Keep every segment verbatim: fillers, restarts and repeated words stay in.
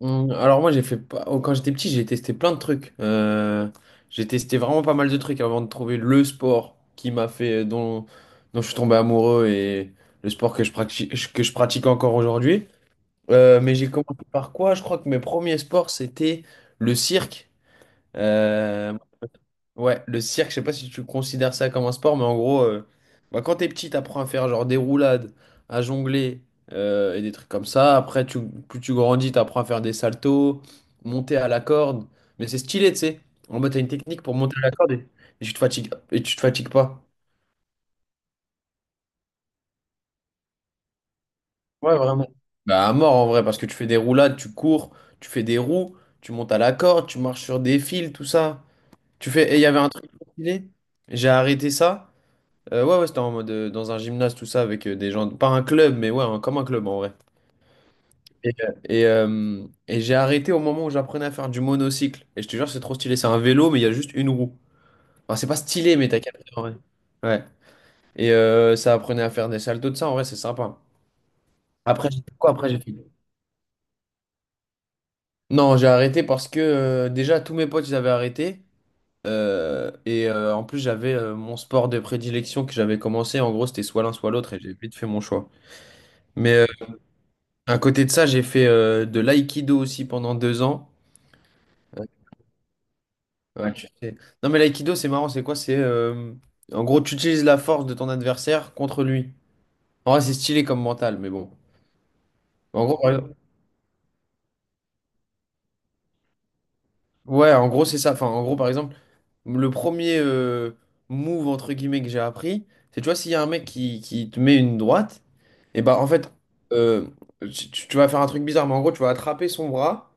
Hum, Alors moi j'ai fait pas... oh, quand j'étais petit j'ai testé plein de trucs. Euh, j'ai testé vraiment pas mal de trucs avant de trouver le sport qui m'a fait euh, dont dont je suis tombé amoureux et le sport que je pratique que je pratique encore aujourd'hui. Euh, mais j'ai commencé par quoi? Je crois que mes premiers sports c'était le cirque. Euh, Ouais, le cirque, je sais pas si tu considères ça comme un sport, mais en gros, euh, bah, quand t'es petit, t'apprends à faire genre des roulades, à jongler euh, et des trucs comme ça. Après, tu, plus tu grandis, t'apprends à faire des saltos, monter à la corde. Mais c'est stylé, tu sais. En mode, t'as une technique pour monter à la corde, et, et tu te fatigues, et tu te fatigues pas. Ouais, vraiment. Bah, à mort en vrai, parce que tu fais des roulades, tu cours, tu fais des roues, tu montes à la corde, tu marches sur des fils, tout ça. Tu fais. Et il y avait un truc stylé, j'ai arrêté ça. Euh, ouais, ouais, c'était en mode euh, dans un gymnase, tout ça, avec euh, des gens. Pas un club, mais ouais, un- comme un club en vrai. Et, euh, et, euh, et j'ai arrêté au moment où j'apprenais à faire du monocycle. Et je te jure, c'est trop stylé. C'est un vélo, mais il y a juste une roue. Enfin, c'est pas stylé, mais t'as capté en vrai. Ouais. Et euh, ça apprenait à faire des saltos de ça, en vrai, c'est sympa. Après, j'ai fait quoi? Après, j'ai fait. Non, j'ai arrêté parce que euh, déjà, tous mes potes, ils avaient arrêté. Euh, et euh, en plus, j'avais euh, mon sport de prédilection que j'avais commencé. En gros, c'était soit l'un, soit l'autre, et j'ai vite fait mon choix. Mais à côté de ça, j'ai fait euh, de l'aïkido aussi pendant deux ans. Ouais. Euh, Ouais. tu sais- Non, mais l'aïkido, c'est marrant, c'est quoi? C'est euh, En gros, tu utilises la force de ton adversaire contre lui. En vrai, c'est stylé comme mental, mais bon. En gros, par exemple- Ouais, en gros, c'est ça. Enfin, en gros, par exemple. Le premier euh, move entre guillemets que j'ai appris, c'est tu vois, s'il y a un mec qui, qui te met une droite, et bah en fait, euh, tu, tu- tu vas faire un truc bizarre, mais en gros, tu vas attraper son bras,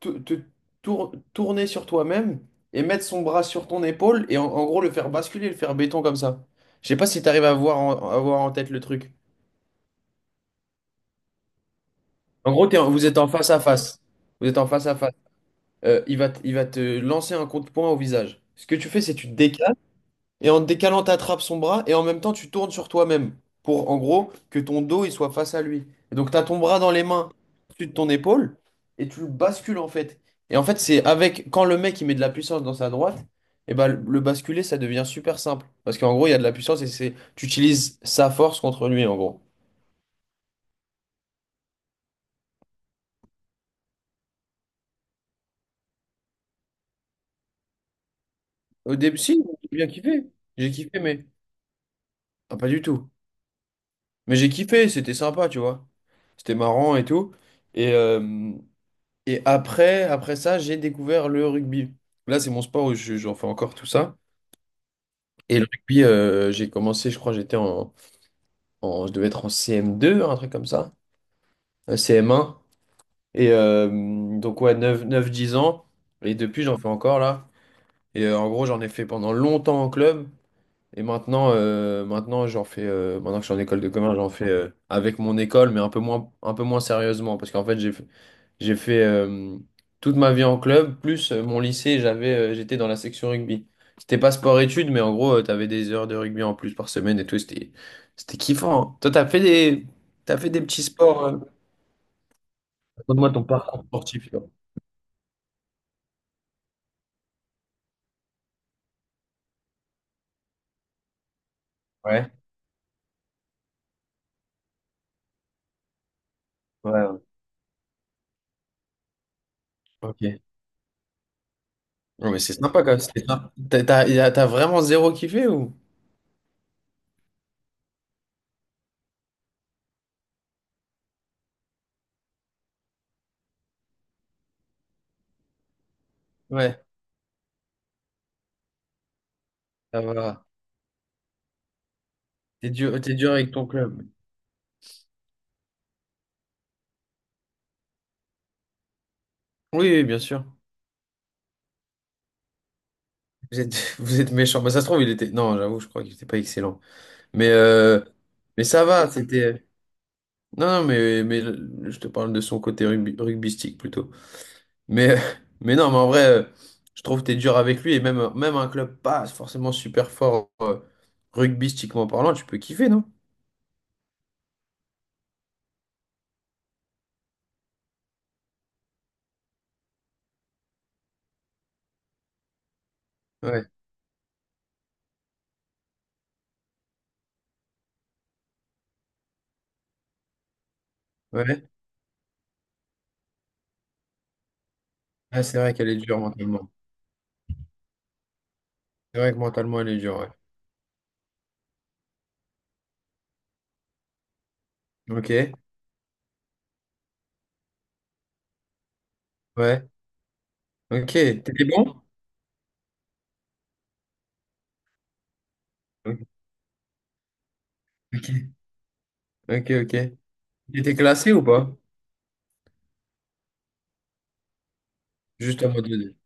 te, te tour- tourner sur toi-même et mettre son bras sur ton épaule et en, en gros le faire basculer, le faire béton comme ça. Je sais pas si tu arrives à voir en, à voir en tête le truc. En gros, t'es en- vous êtes en face à face. Vous êtes en face à face. Euh, il va, t- il va te lancer un coup de poing au visage. Ce que tu fais, c'est tu te décales. Et en te décalant, t'attrapes son bras et en même temps, tu tournes sur toi-même pour, en gros, que ton dos il soit face à lui. Et donc, tu as ton bras dans les mains au-dessus de ton épaule et tu le bascules en fait. Et en fait, c'est avec quand le mec il met de la puissance dans sa droite, et ben le le basculer ça devient super simple parce qu'en gros, il y a de la puissance et c'est tu utilises sa force contre lui en gros. Au début, si, j'ai bien kiffé. J'ai kiffé, mais ah, pas du tout. Mais j'ai kiffé, c'était sympa, tu vois. C'était marrant et tout. Et, euh, Et après, après ça, j'ai découvert le rugby. Là, c'est mon sport où je- j'en fais encore tout ça. Et le rugby, euh, j'ai commencé, je crois, j'étais en, en- je devais être en C M deux, un truc comme ça, un C M un. Et euh, donc, ouais, neuf, neuf, dix ans. Et depuis, j'en fais encore là. Et euh, en gros, j'en ai fait pendant longtemps en club. Et maintenant, euh, maintenant j'en fais, euh, maintenant que je suis en école de commerce, j'en fais euh, avec mon école, mais un peu moins, un peu moins sérieusement, parce qu'en fait, j'ai, fait- j'ai fait euh, toute ma vie en club, plus euh, mon lycée, j'avais, euh, j'étais dans la section rugby. C'était pas sport-études, mais en gros, tu t'avais des heures de rugby en plus par semaine et tout, c'était, c'était kiffant, hein. Toi, t'as fait des, t'as fait des petits sports, euh, raconte-moi ton parcours sportif, toi. Ouais, ouais, ouais, ok. Non, mais c'est sympa quand même, c'était sympa. T'as, t'as- y a- t'as vraiment zéro kiffé ou? Ouais, ça va. T'es dur, t'es dur avec ton club. Oui, oui, bien sûr. Vous êtes, vous êtes méchant. Bah, ça se trouve, il était. Non, j'avoue, je crois qu'il était pas excellent. Mais, euh, mais ça va, c'était. Non, non, mais, mais le- je te parle de son côté rugby, rugbystique plutôt. Mais, mais non, mais en vrai, euh, je trouve que t'es dur avec lui. Et même, même un club pas forcément super fort euh, rugbystiquement parlant, tu peux kiffer, non? Ouais, ouais. Ah, c'est vrai qu'elle est dure mentalement. C'est vrai que mentalement, elle est dure, ouais. Ok, ouais. Ok, t'étais bon? Ok, ok, ok. Il était classé ou pas? Juste en mode deux D.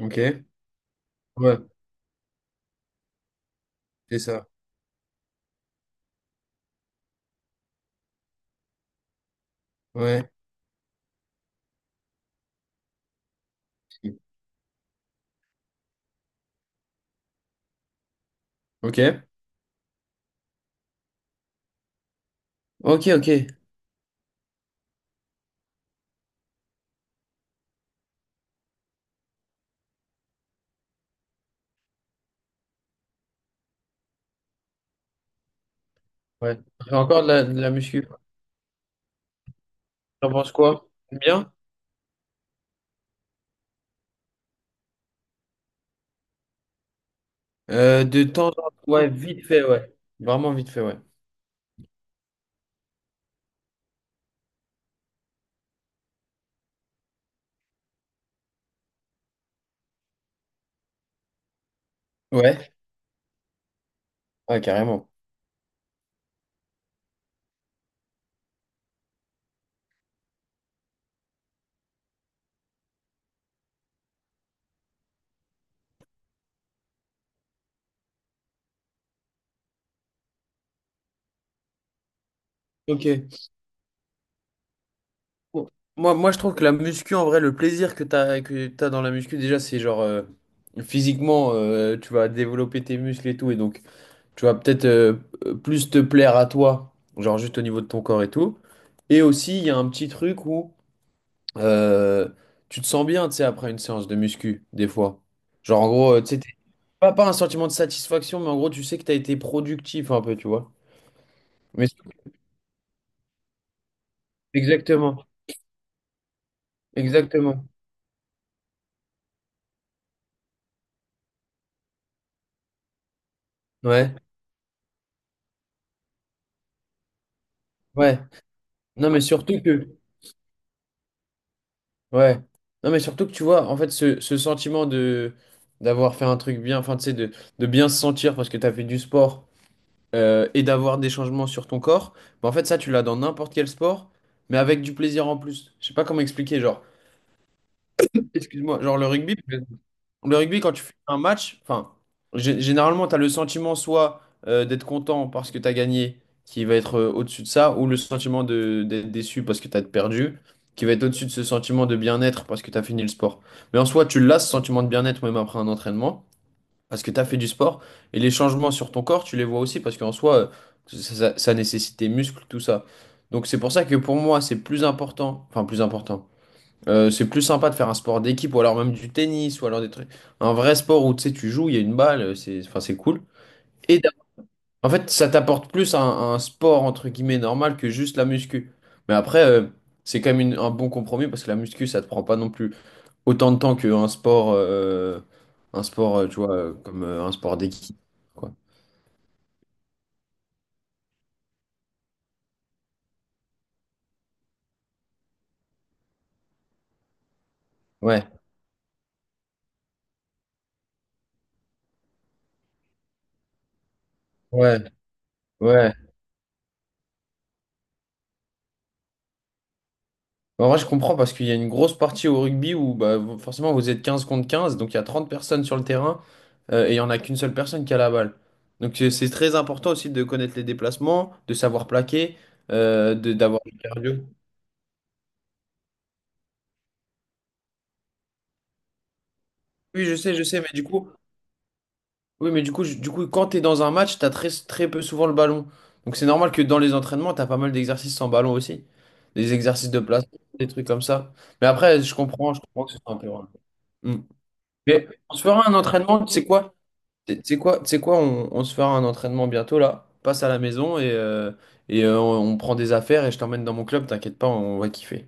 Ok. Ouais, c'est ça. Ouais. Ok. Ok, ok. Ouais. On fait encore de la, de la muscu. T'en penses quoi? Bien? Euh, de temps en temps. Ouais, vite fait, ouais. Vraiment vite fait, ouais. Ouais. Ouais, carrément. Ok. Bon. Moi, moi, je trouve que la muscu, en vrai, le plaisir que t'as, que t'as dans la muscu, déjà, c'est genre, euh, physiquement, euh, tu vas développer tes muscles et tout. Et donc, tu vas peut-être euh, euh, plus te plaire à toi, genre juste au niveau de ton corps et tout. Et aussi, il y a un petit truc où euh, tu te sens bien, tu sais, après une séance de muscu, des fois. Genre, en gros, euh, tu sais, t'es- pas, pas un sentiment de satisfaction, mais en gros, tu sais que tu as été productif un peu, tu vois. Mais exactement, exactement. Ouais, ouais. Non, mais surtout que, ouais. Non, mais surtout que tu vois, en fait, ce, ce sentiment de d'avoir fait un truc bien, enfin, tu sais, de, de bien se sentir parce que tu as fait du sport euh, et d'avoir des changements sur ton corps. Bah, en fait, ça, tu l'as dans n'importe quel sport, mais avec du plaisir en plus. Je sais pas comment expliquer, genre, excuse-moi, genre le rugby, le rugby, quand tu fais un match, enfin, gé- généralement, tu as le sentiment soit euh, d'être content parce que tu as gagné, qui va être euh, au-dessus de ça, ou le sentiment de, d'être déçu parce que tu as perdu, qui va être au-dessus de ce sentiment de bien-être parce que tu as fini le sport. Mais en soi, tu l'as, ce sentiment de bien-être, même après un entraînement parce que tu as fait du sport et les changements sur ton corps, tu les vois aussi parce qu'en soi, euh, ça, ça- ça nécessite tes muscles, tout ça. Donc c'est pour ça que pour moi, c'est plus important, enfin plus important. Euh, c'est plus sympa de faire un sport d'équipe ou alors même du tennis ou alors des trucs. Un vrai sport où tu sais, tu joues, il y a une balle, euh, c'est enfin, c'est cool. Et d'a- en fait, ça t'apporte plus un, un sport entre guillemets normal que juste la muscu. Mais après, euh, c'est quand même une- un bon compromis parce que la muscu, ça te prend pas non plus autant de temps qu'un sport, euh, un sport, euh, tu vois, euh, comme euh, un sport d'équipe, quoi. Ouais, ouais, ouais. En vrai, je comprends parce qu'il y a une grosse partie au rugby où bah, vous- forcément vous êtes quinze contre quinze, donc il y a trente personnes sur le terrain euh, et il n'y en a qu'une seule personne qui a la balle. Donc c'est c'est très important aussi de connaître les déplacements, de savoir plaquer, euh, de, d'avoir du cardio. Oui, je sais, je sais, mais du coup, Oui, mais du coup, je- du coup, quand tu es dans un match, tu as très, très peu souvent le ballon. Donc c'est normal que dans les entraînements, tu as pas mal d'exercices sans ballon aussi. Des exercices de place, des trucs comme ça. Mais après, je comprends, je comprends que ce soit un peu loin. Mm. Mais on se fera un entraînement, tu sais quoi? Tu sais tu sais quoi? Tu sais quoi? On, on se fera un entraînement bientôt là. Passe à la maison et, euh, et euh, on, on prend des affaires et je t'emmène dans mon club, t'inquiète pas, on va kiffer.